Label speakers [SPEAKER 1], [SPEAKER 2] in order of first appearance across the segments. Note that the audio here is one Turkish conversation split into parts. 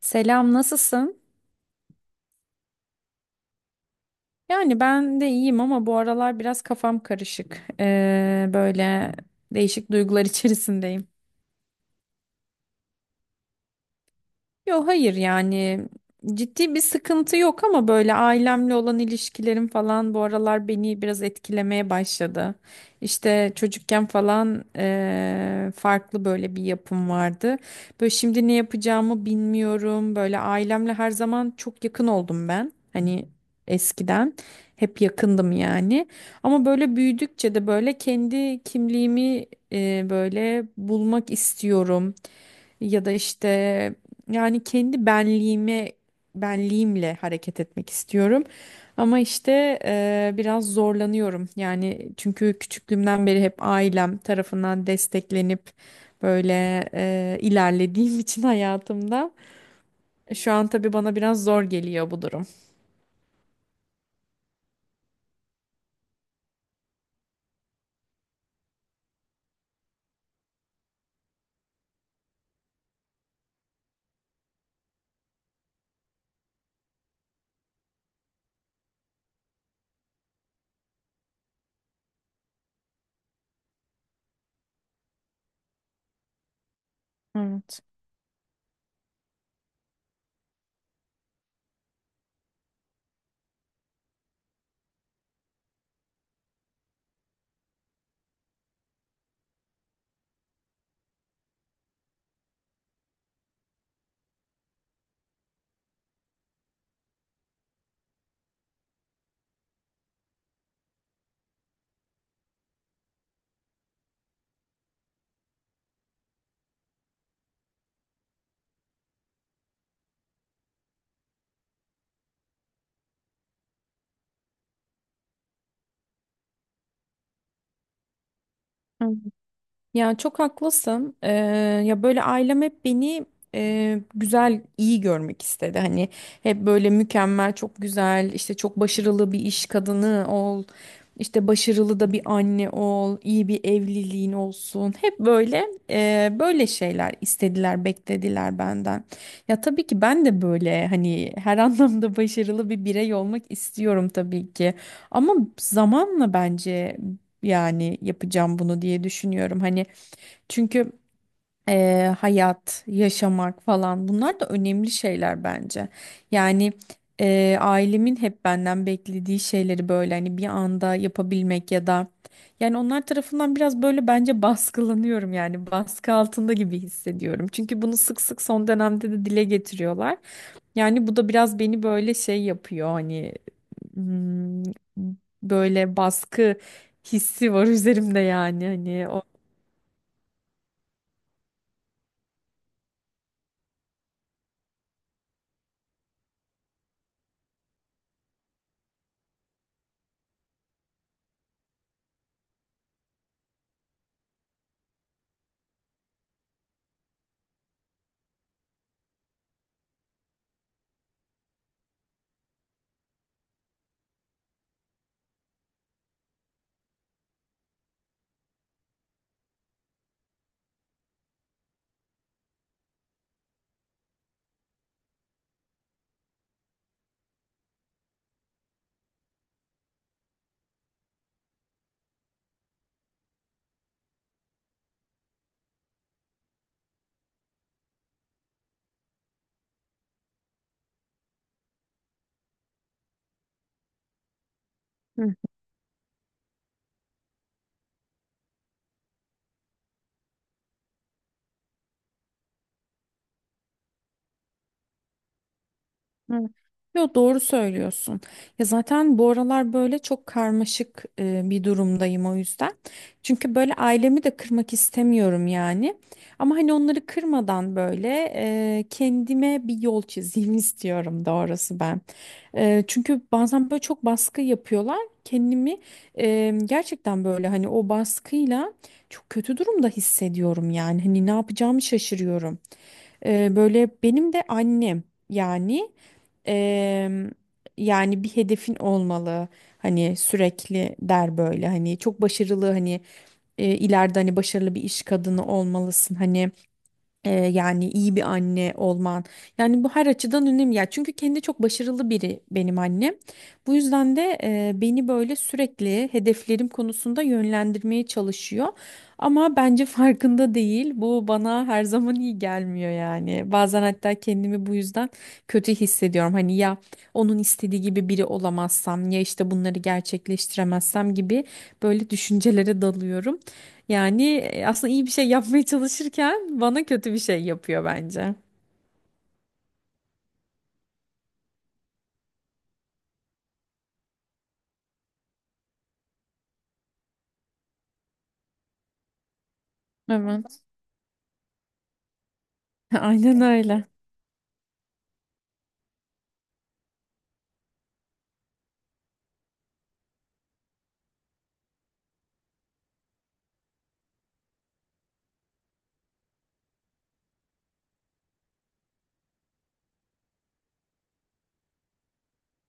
[SPEAKER 1] Selam, nasılsın? Yani ben de iyiyim ama bu aralar biraz kafam karışık. Böyle değişik duygular içerisindeyim. Yok hayır yani ciddi bir sıkıntı yok ama böyle ailemle olan ilişkilerim falan bu aralar beni biraz etkilemeye başladı. İşte çocukken falan farklı böyle bir yapım vardı. Böyle şimdi ne yapacağımı bilmiyorum. Böyle ailemle her zaman çok yakın oldum ben. Hani eskiden hep yakındım yani. Ama böyle büyüdükçe de böyle kendi kimliğimi böyle bulmak istiyorum ya da işte yani kendi benliğimle hareket etmek istiyorum. Ama işte biraz zorlanıyorum. Yani çünkü küçüklüğümden beri hep ailem tarafından desteklenip böyle ilerlediğim için hayatımda şu an tabii bana biraz zor geliyor bu durum. Evet. Ya çok haklısın. Ya böyle ailem hep beni güzel, iyi görmek istedi. Hani hep böyle mükemmel, çok güzel, işte çok başarılı bir iş kadını ol, işte başarılı da bir anne ol, iyi bir evliliğin olsun. Hep böyle böyle şeyler istediler, beklediler benden. Ya tabii ki ben de böyle hani her anlamda başarılı bir birey olmak istiyorum tabii ki. Ama zamanla bence yani yapacağım bunu diye düşünüyorum. Hani çünkü hayat, yaşamak falan bunlar da önemli şeyler bence. Yani ailemin hep benden beklediği şeyleri böyle hani bir anda yapabilmek ya da yani onlar tarafından biraz böyle bence baskılanıyorum yani baskı altında gibi hissediyorum. Çünkü bunu sık sık son dönemde de dile getiriyorlar. Yani bu da biraz beni böyle şey yapıyor hani hmm, böyle baskı hissi var üzerimde yani hani o. Hı. Yo doğru söylüyorsun. Ya zaten bu aralar böyle çok karmaşık bir durumdayım o yüzden. Çünkü böyle ailemi de kırmak istemiyorum yani. Ama hani onları kırmadan böyle kendime bir yol çizeyim istiyorum doğrusu ben. Çünkü bazen böyle çok baskı yapıyorlar. Kendimi gerçekten böyle hani o baskıyla çok kötü durumda hissediyorum yani. Hani ne yapacağımı şaşırıyorum. Böyle benim de annem yani eee, yani bir hedefin olmalı hani sürekli der böyle hani çok başarılı hani ileride hani başarılı bir iş kadını olmalısın hani yani iyi bir anne olman. Yani bu her açıdan önemli. Ya çünkü kendi çok başarılı biri benim annem. Bu yüzden de beni böyle sürekli hedeflerim konusunda yönlendirmeye çalışıyor. Ama bence farkında değil. Bu bana her zaman iyi gelmiyor yani. Bazen hatta kendimi bu yüzden kötü hissediyorum. Hani ya onun istediği gibi biri olamazsam ya işte bunları gerçekleştiremezsem gibi böyle düşüncelere dalıyorum. Yani aslında iyi bir şey yapmaya çalışırken bana kötü bir şey yapıyor bence. Evet. Aynen öyle.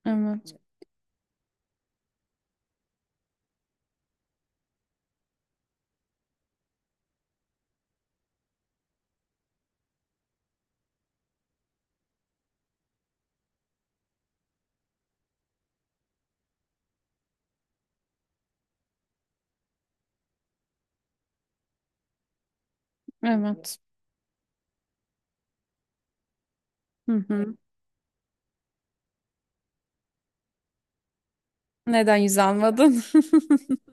[SPEAKER 1] Evet. Evet. Hı hı. Neden yüz almadın?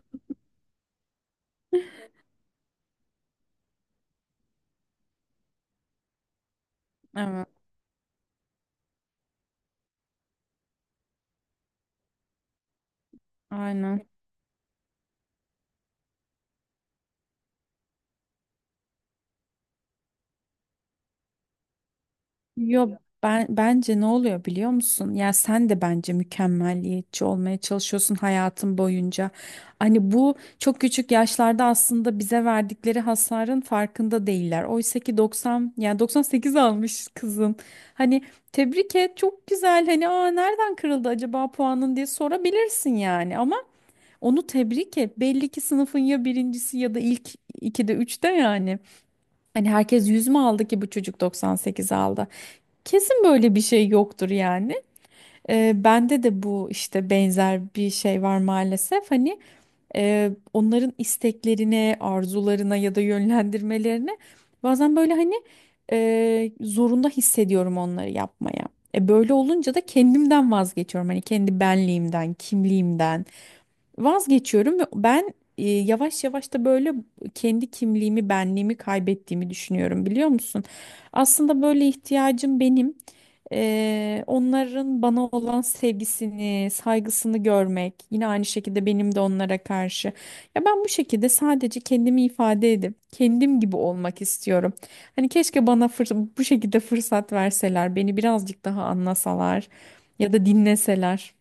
[SPEAKER 1] Evet. Aynen. Yok, ben bence ne oluyor biliyor musun? Ya sen de bence mükemmelliyetçi olmaya çalışıyorsun hayatın boyunca. Hani bu çok küçük yaşlarda aslında bize verdikleri hasarın farkında değiller. Oysa ki 90, yani 98 almış kızın. Hani tebrik et çok güzel. Hani aa nereden kırıldı acaba puanın diye sorabilirsin yani. Ama onu tebrik et. Belli ki sınıfın ya birincisi ya da ilk ikide üçte yani. Hani herkes 100 mü aldı ki bu çocuk 98 aldı? Kesin böyle bir şey yoktur yani. Bende de bu işte benzer bir şey var maalesef. Hani onların isteklerine, arzularına ya da yönlendirmelerine bazen böyle hani zorunda hissediyorum onları yapmaya. E, böyle olunca da kendimden vazgeçiyorum. Hani kendi benliğimden, kimliğimden. Vazgeçiyorum ve ben yavaş yavaş da böyle kendi kimliğimi, benliğimi kaybettiğimi düşünüyorum biliyor musun? Aslında böyle ihtiyacım benim. Onların bana olan sevgisini, saygısını görmek, yine aynı şekilde benim de onlara karşı. Ya ben bu şekilde sadece kendimi ifade edip kendim gibi olmak istiyorum. Hani keşke bana bu şekilde fırsat verseler, beni birazcık daha anlasalar ya da dinleseler.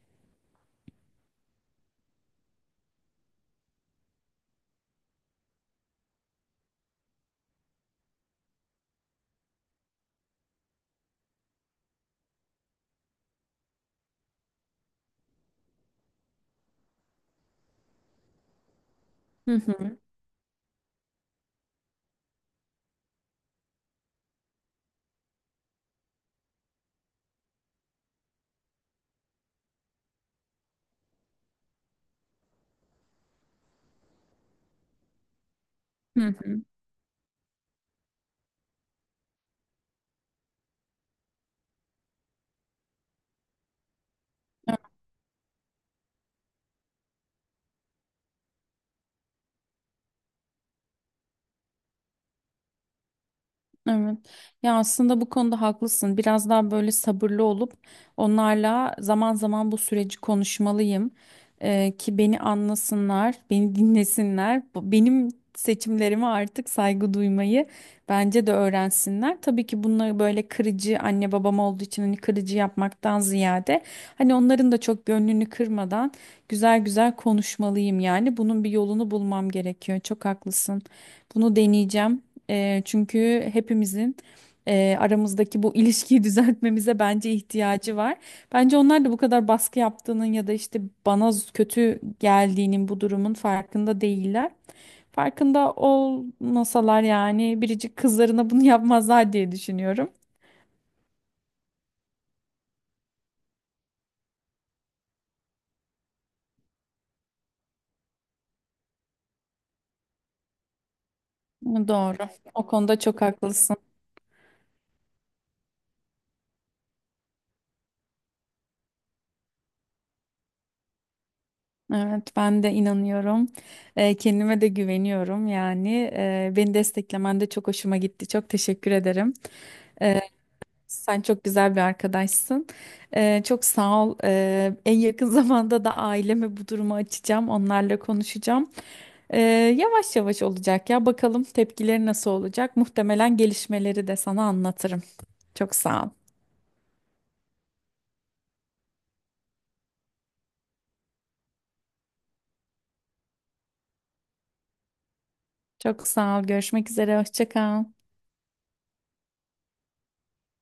[SPEAKER 1] Hı hı. Hı hı. Evet. Ya aslında bu konuda haklısın. Biraz daha böyle sabırlı olup onlarla zaman zaman bu süreci konuşmalıyım. Ki beni anlasınlar, beni dinlesinler. Benim seçimlerime artık saygı duymayı bence de öğrensinler. Tabii ki bunları böyle kırıcı anne babam olduğu için hani kırıcı yapmaktan ziyade hani onların da çok gönlünü kırmadan güzel güzel konuşmalıyım yani. Bunun bir yolunu bulmam gerekiyor. Çok haklısın. Bunu deneyeceğim. Çünkü hepimizin aramızdaki bu ilişkiyi düzeltmemize bence ihtiyacı var. Bence onlar da bu kadar baskı yaptığının ya da işte bana kötü geldiğinin bu durumun farkında değiller. Farkında olmasalar yani biricik kızlarına bunu yapmazlar diye düşünüyorum. Doğru. O konuda çok haklısın. Evet, ben de inanıyorum. Kendime de güveniyorum yani. Beni desteklemen de çok hoşuma gitti. Çok teşekkür ederim. Sen çok güzel bir arkadaşsın. Çok sağ ol. En yakın zamanda da aileme bu durumu açacağım. Onlarla konuşacağım. Ee, yavaş yavaş olacak ya. Bakalım tepkileri nasıl olacak. Muhtemelen gelişmeleri de sana anlatırım. Çok sağ ol. Çok sağ ol. Görüşmek üzere. Hoşça kal.